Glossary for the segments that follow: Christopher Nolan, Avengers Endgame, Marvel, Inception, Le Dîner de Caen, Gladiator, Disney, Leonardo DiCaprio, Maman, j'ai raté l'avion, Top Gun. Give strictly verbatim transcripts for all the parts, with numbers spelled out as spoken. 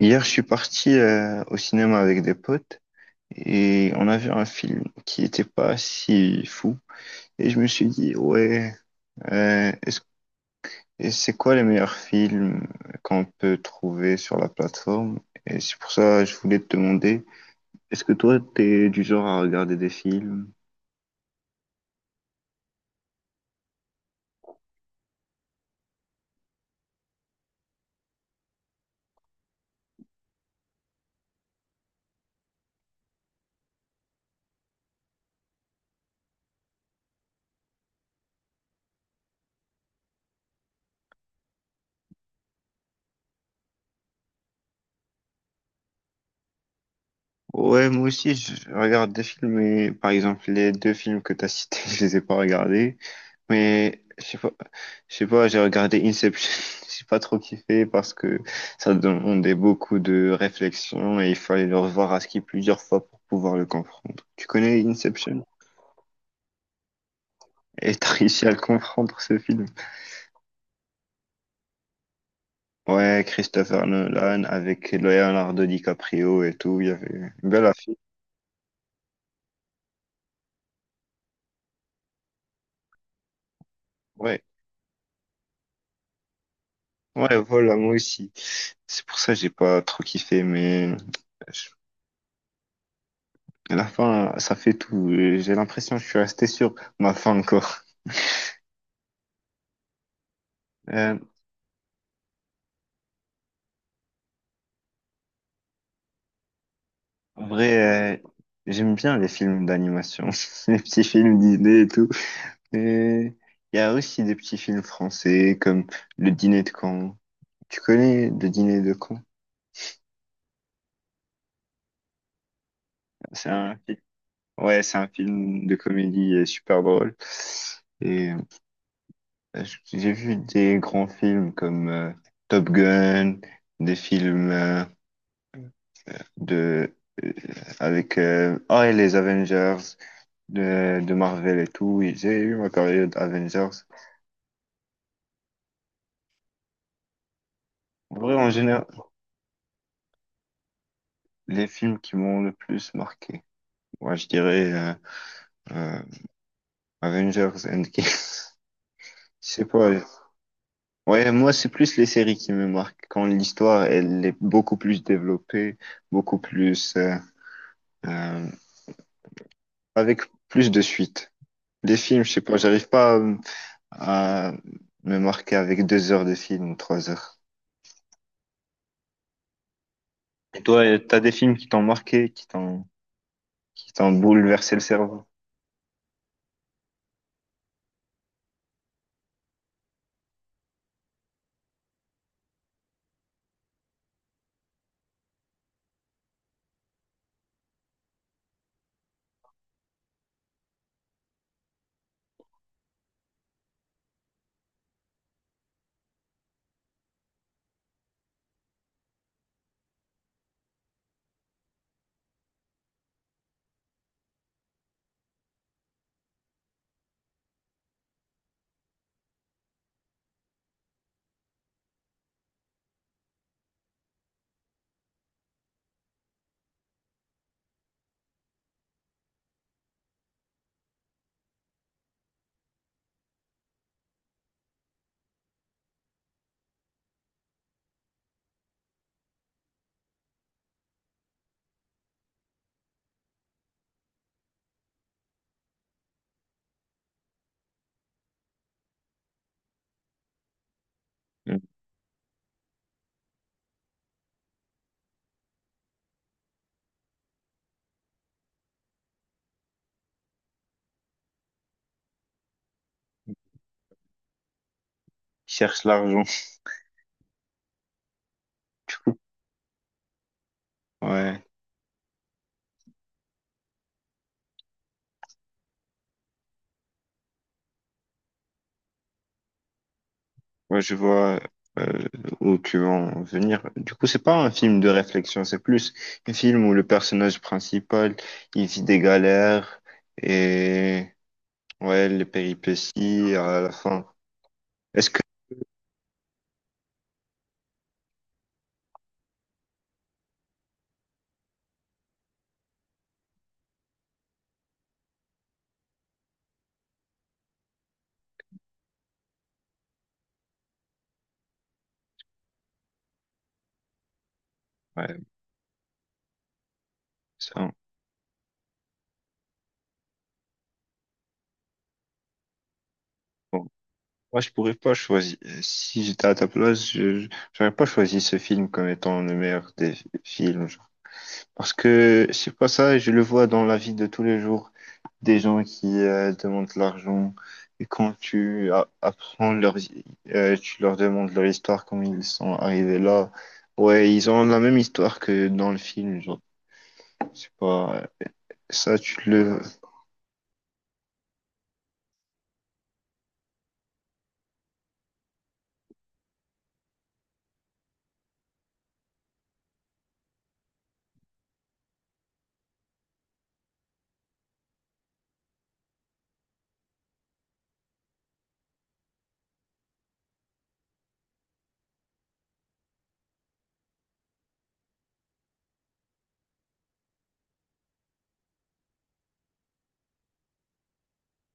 Hier, je suis parti euh, au cinéma avec des potes et on a vu un film qui n'était pas si fou. Et je me suis dit, ouais, euh, est-ce- et c'est quoi les meilleurs films qu'on peut trouver sur la plateforme? Et c'est pour ça que je voulais te demander, est-ce que toi, t'es du genre à regarder des films? Ouais, moi aussi, je regarde des films, mais par exemple, les deux films que t'as cités, je les ai pas regardés. Mais je sais pas, je sais pas, j'ai regardé Inception, j'ai pas trop kiffé parce que ça demandait beaucoup de réflexion et il fallait le revoir à ski plusieurs fois pour pouvoir le comprendre. Tu connais Inception? Et t'as réussi à le comprendre, ce film. Ouais, Christopher Nolan avec Leonardo DiCaprio et tout, il y avait une belle affiche. Ouais. Ouais, voilà, moi aussi. C'est pour ça que j'ai pas trop kiffé, mais je- à la fin, ça fait tout. J'ai l'impression que je suis resté sur ma fin encore. Euh, en vrai, euh, j'aime bien les films d'animation, les petits films Disney et tout. Et il y a aussi des petits films français comme Le Dîner de Caen. Tu connais Le Dîner de Caen? C'est un film. Ouais, c'est un film de comédie euh, super drôle. Et Parce que j'ai vu des grands films comme euh, Top Gun, des films euh, de euh, avec euh, ah, et les Avengers de, de Marvel et tout. Oui, j'ai eu ma période Avengers. En vrai, en général, les films qui m'ont le plus marqué. Moi, je dirais euh, euh, Avengers Endgame. Je sais pas. Ouais, moi, c'est plus les séries qui me marquent. Quand l'histoire, elle est beaucoup plus développée, beaucoup plus euh, euh, avec plus de suites. Des films, je sais pas, j'arrive pas euh, à me marquer avec deux heures de film ou trois heures. Et toi, euh, t'as des films qui t'ont marqué, qui t'ont qui t'ont bouleversé le cerveau, euh, qui cherchent l'argent. Ouais, ouais, je vois euh, où tu veux en venir. Du coup, c'est pas un film de réflexion, c'est plus un film où le personnage principal, il vit des galères et ouais, les péripéties à la fin. Est-ce que ouais, ça, bon. Moi, je pourrais pas choisir. Si j'étais à ta place, je je- j'aurais pas choisi ce film comme étant le meilleur des films. Genre. Parce que c'est pas ça, je le vois dans la vie de tous les jours, des gens qui euh, demandent de l'argent. Et quand tu a- apprends leur, euh, tu leur demandes leur histoire, comment ils sont arrivés là. Ouais, ils ont la même histoire que dans le film. Genre, c'est pas ça, tu le.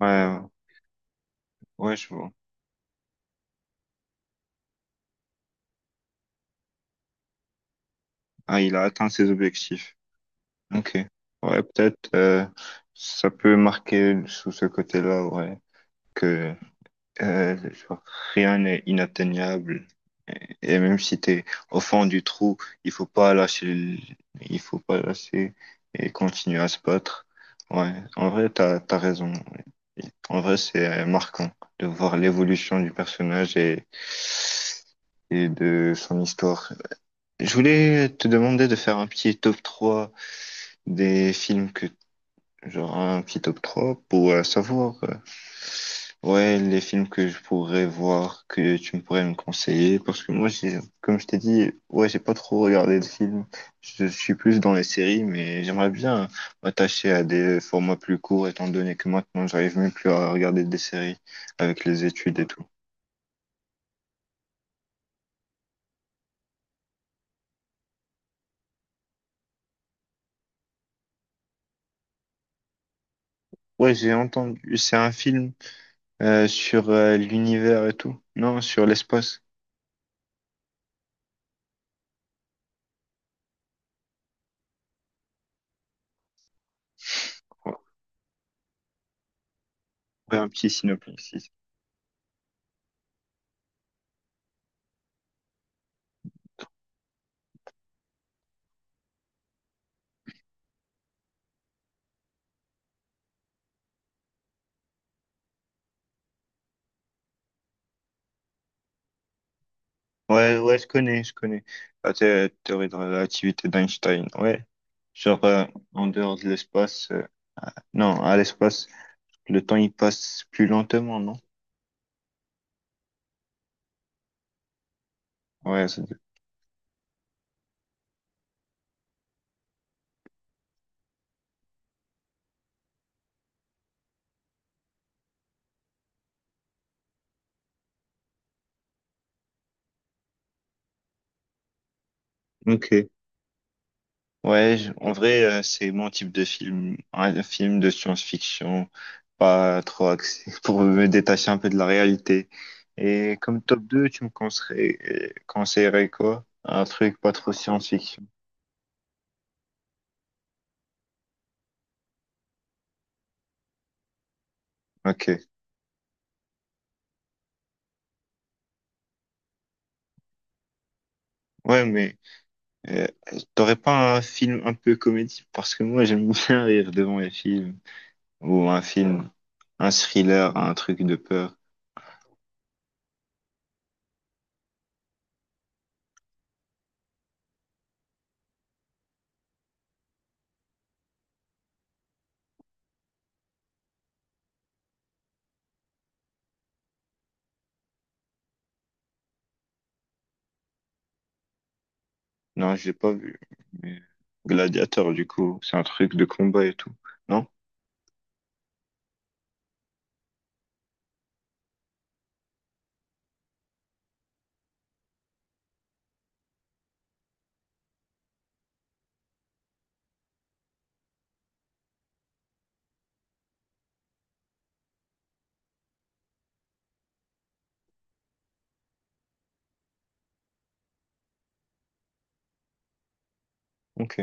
Ouais, ouais, ouais, je vois. Ah, il a atteint ses objectifs. Ok. Ouais, peut-être euh, ça peut marquer sous ce côté-là, ouais, que euh, genre, rien n'est inatteignable. Et, et même si t'es au fond du trou, il faut pas lâcher, le- il faut pas lâcher et continuer à se battre. Ouais, en vrai, t'as, t'as raison. Ouais. En vrai, c'est euh, marquant de voir l'évolution du personnage et, et de son histoire. Je voulais te demander de faire un petit top trois des films que. Genre, un petit top trois pour euh, savoir euh, ouais, les films que je pourrais voir, que tu me pourrais me conseiller, parce que moi, j'ai, comme je t'ai dit, ouais, j'ai pas trop regardé de films. Je suis plus dans les séries, mais j'aimerais bien m'attacher à des formats plus courts étant donné que maintenant j'arrive même plus à regarder des séries avec les études et tout. Ouais, j'ai entendu, c'est un film euh, sur euh, l'univers et tout, non, sur l'espace. Ouais, un petit synopsis. Ouais, ouais, je connais, je connais. La thé- théorie de la relativité d'Einstein, ouais. Genre, euh, en dehors de l'espace, euh, non, à l'espace, le temps, il passe plus lentement, non? Ouais, ça- ok. Ouais, je- en vrai, euh, c'est mon type de film, un film de science-fiction, pas trop axé, pour me détacher un peu de la réalité. Et comme top deux, tu me conseillerais, conseillerais quoi? Un truc pas trop science-fiction. Ok. Ouais, mais Euh, t'aurais pas un film un peu comédie? Parce que moi, j'aime bien rire devant les films. Ou un film, un thriller, un truc de peur. Non, j'ai pas vu. Mais Gladiator, du coup, c'est un truc de combat et tout. Non? Ok.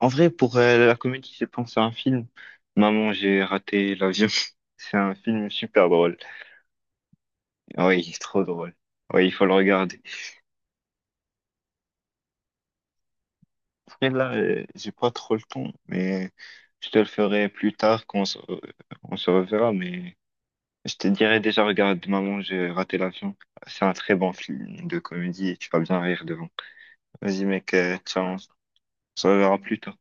En vrai, pour euh, la comédie, je pense à un film. Maman, j'ai raté l'avion. C'est un film super drôle. Oui, il est trop drôle. Oui, il faut le regarder. Après, là, euh, j'ai pas trop le temps, mais je te le ferai plus tard quand on se, on se reverra, mais. Je te dirais déjà, regarde, Maman, j'ai raté l'avion. C'est un très bon film de comédie et tu vas bien rire devant. Vas-y, mec, euh, ciao. On se reverra plus tard.